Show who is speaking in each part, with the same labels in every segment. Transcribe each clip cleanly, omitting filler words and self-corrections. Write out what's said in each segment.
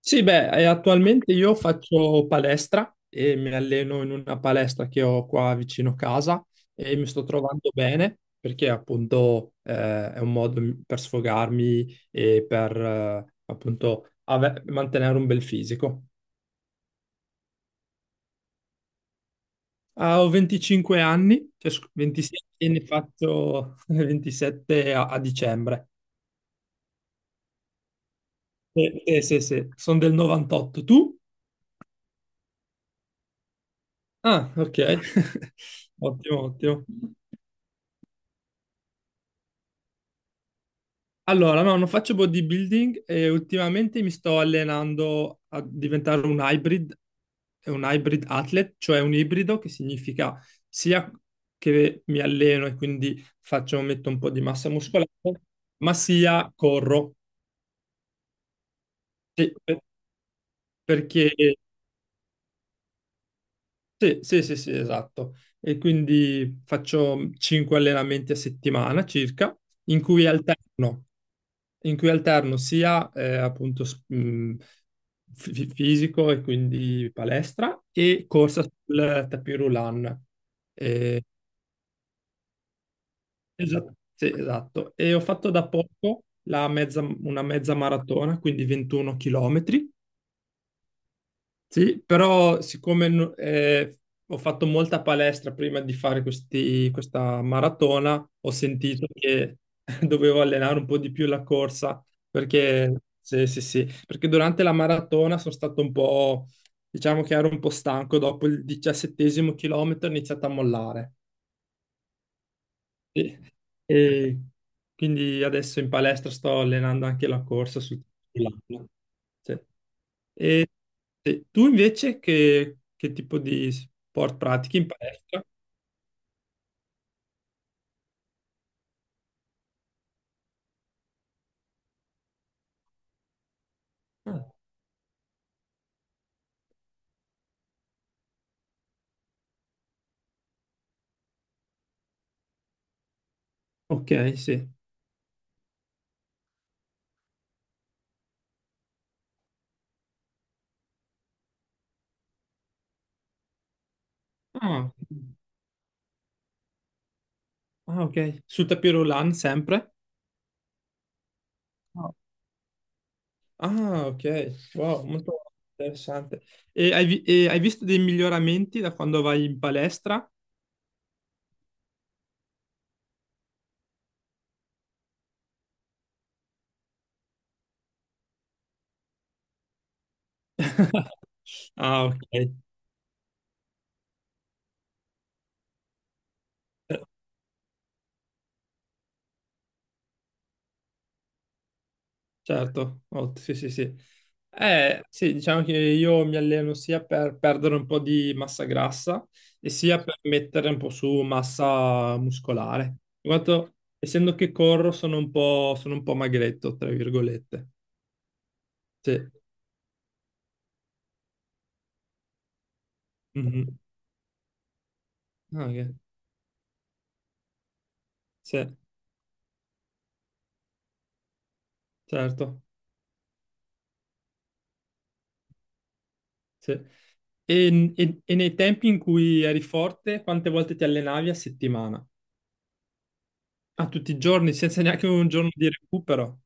Speaker 1: Sì, beh, attualmente io faccio palestra e mi alleno in una palestra che ho qua vicino casa e mi sto trovando bene perché appunto è un modo per sfogarmi e per appunto mantenere un bel fisico. Ah, ho 25 anni, cioè, 27 e ne faccio 27 a, a dicembre. Sì, sì, sono del 98. Tu? Ah, ok. Ottimo, ottimo. Allora, no, non faccio bodybuilding e ultimamente mi sto allenando a diventare un hybrid athlete, cioè un ibrido che significa sia che mi alleno e quindi faccio, metto un po' di massa muscolare, ma sia corro. Sì, perché sì, sì, sì, sì, esatto. E quindi faccio 5 allenamenti a settimana circa, in cui alterno. In cui alterno sia appunto fisico e quindi palestra e corsa sul tapis roulant. Eh, esatto, sì, esatto. E ho fatto da poco la una mezza maratona, quindi 21 chilometri. Sì, però siccome ho fatto molta palestra prima di fare questa maratona, ho sentito che dovevo allenare un po' di più la corsa, perché, sì, sì, sì, perché durante la maratona sono stato un po', diciamo che ero un po' stanco, dopo il 17º chilometro ho iniziato a mollare. Sì. E quindi adesso in palestra sto allenando anche la corsa sull'acqua. Sì. E sì. Tu invece che tipo di sport pratichi in palestra? Ah, ok, sì. Ah, ah, ok. Sul tapis roulant sempre? No. Ah, ok. Wow, molto interessante. E hai, e hai visto dei miglioramenti da quando vai in palestra? Ah, ok. Certo, sì, sì, sì. Sì, diciamo che io mi alleno sia per perdere un po' di massa grassa e sia per mettere un po' su massa muscolare. In quanto, essendo che corro, sono un po' magretto, tra virgolette. Sì. Mhm. Ah, ok. Sì, certo. Sì. E, e nei tempi in cui eri forte, quante volte ti allenavi a settimana? A tutti i giorni, senza neanche un giorno di recupero?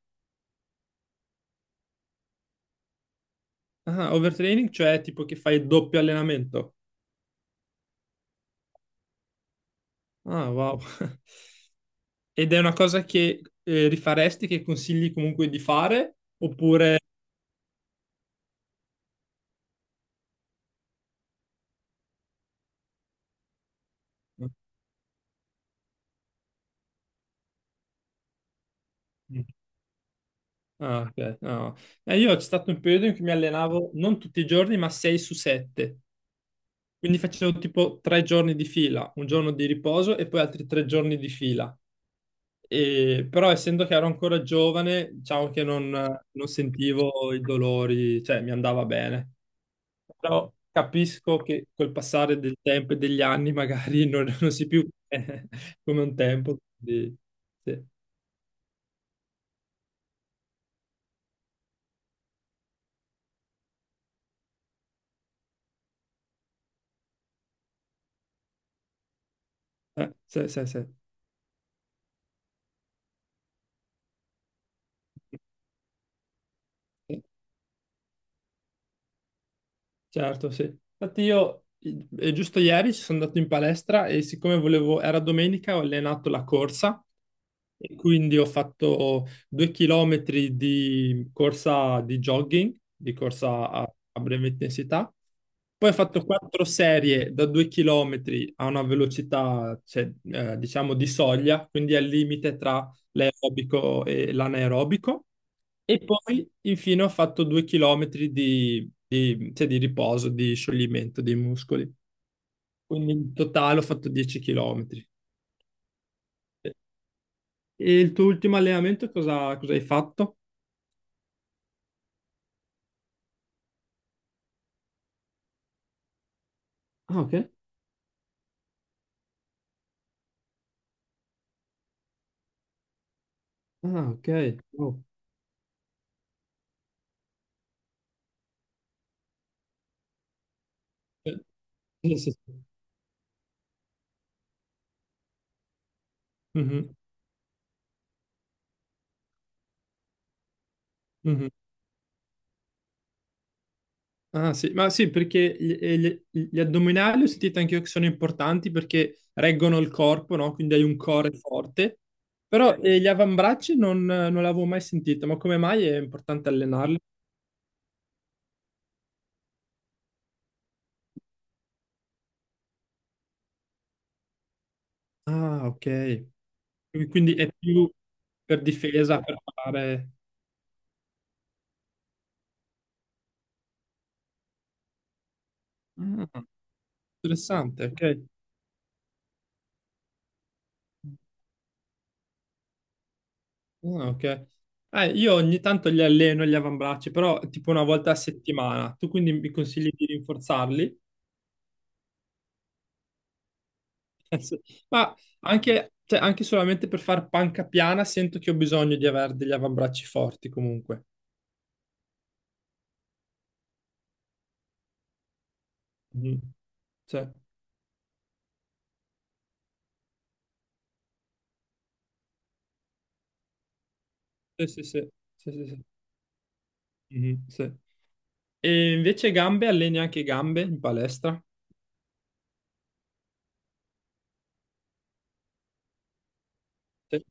Speaker 1: Ah, overtraining, cioè tipo che fai doppio allenamento. Ah, wow. Ed è una cosa che rifaresti, che consigli comunque di fare? Oppure... Ah, ok. No. Io c'è stato un periodo in cui mi allenavo non tutti i giorni, ma 6 su 7. Quindi facevo tipo 3 giorni di fila, un giorno di riposo e poi altri 3 giorni di fila. Però essendo che ero ancora giovane, diciamo che non sentivo i dolori, cioè mi andava bene. Però capisco che col passare del tempo e degli anni magari non, non si più come un tempo. Quindi, sì. Sì, sì, sì. Certo, sì. Infatti io giusto ieri sono andato in palestra e siccome volevo, era domenica, ho allenato la corsa e quindi ho fatto 2 chilometri di corsa di jogging, di corsa a, a breve intensità. Poi ho fatto 4 serie da 2 chilometri a una velocità, cioè, diciamo, di soglia, quindi al limite tra l'aerobico e l'anaerobico. E poi, infine, ho fatto due chilometri di, cioè, di riposo, di scioglimento dei muscoli. Quindi in totale ho fatto 10 chilometri. E il tuo ultimo allenamento cosa, cosa hai fatto? Ah, ok. Ah, ok. Oh. Eh, sì, sì, sì. Mhm, mhm. Ah, sì. Ma sì, perché gli, gli addominali ho sentito anche io che sono importanti perché reggono il corpo, no? Quindi hai un core forte. Però gli avambracci non, non l'avevo mai sentito, ma come mai è importante allenarli? Ah, ok. Quindi quindi è più per difesa, per fare... Ah, interessante, ok. Ah, ok. Io ogni tanto li alleno gli avambracci, però tipo una volta a settimana. Tu quindi mi consigli di rinforzarli? Sì. Ma anche, cioè, anche solamente per fare panca piana sento che ho bisogno di avere degli avambracci forti comunque. Mhm. Cioè, sì, sì, sì. Sì, sì, sì. Mhm, sì. E invece gambe, alleni anche gambe in palestra? Sì.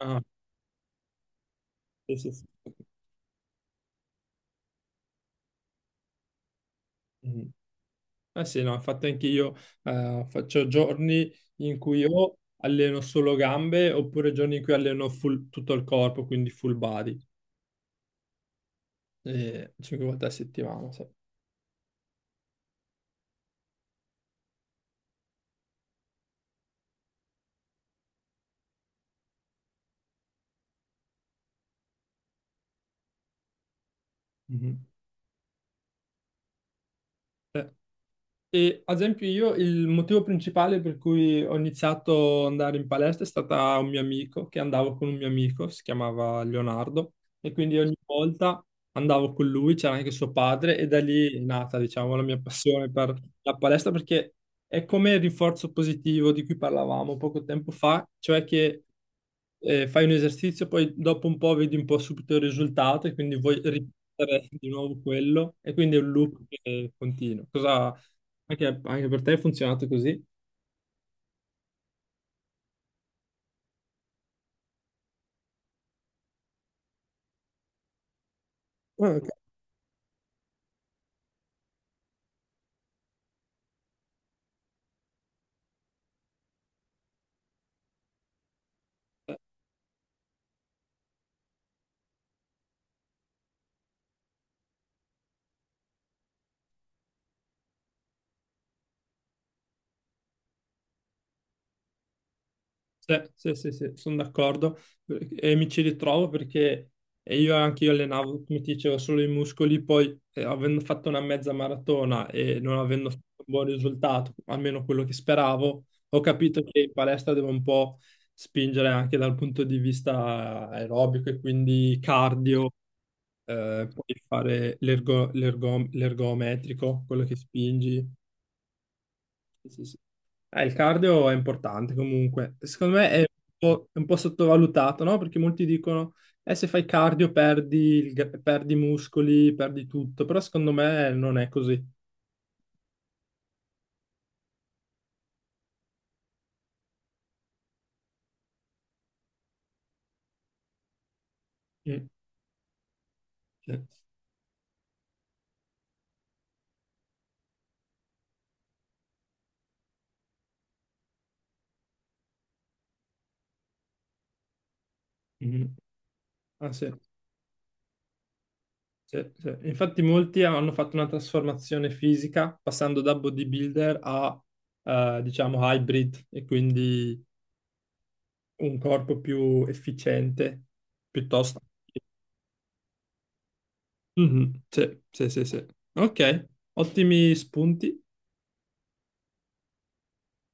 Speaker 1: Ah. Sì, sì, sì. Mm. Eh sì, no, infatti anche io faccio giorni in cui o alleno solo gambe oppure giorni in cui alleno tutto il corpo, quindi full body, 5 volte a settimana. Sì. Mhm. E ad esempio io il motivo principale per cui ho iniziato ad andare in palestra è stata un mio amico, che andavo con un mio amico, si chiamava Leonardo, e quindi ogni volta andavo con lui, c'era anche suo padre, e da lì è nata, diciamo, la mia passione per la palestra, perché è come il rinforzo positivo di cui parlavamo poco tempo fa, cioè che fai un esercizio, poi dopo un po' vedi un po' subito il risultato e quindi vuoi ripetere di nuovo quello e quindi è un loop che continua. Cosa anche, anche per te è funzionato così? Ah, ok. Sì, sì, sì, sì, sono d'accordo e mi ci ritrovo perché io anche io allenavo, come ti dicevo, solo i muscoli, poi avendo fatto una mezza maratona e non avendo fatto un buon risultato, almeno quello che speravo, ho capito che in palestra devo un po' spingere anche dal punto di vista aerobico e quindi cardio, poi fare l'ergometrico, quello che spingi. Sì, sì. Sì. Il cardio è importante comunque. Secondo me è un po' sottovalutato, no? Perché molti dicono, se fai cardio perdi, perdi i muscoli, perdi tutto, però secondo me non è così. Mm, sì. Mhm. Ah, sì, sì, sì. Infatti molti hanno fatto una trasformazione fisica passando da bodybuilder a, diciamo, hybrid e quindi un corpo più efficiente piuttosto. Mhm, sì, sì, sì, sì. Ok, ottimi spunti.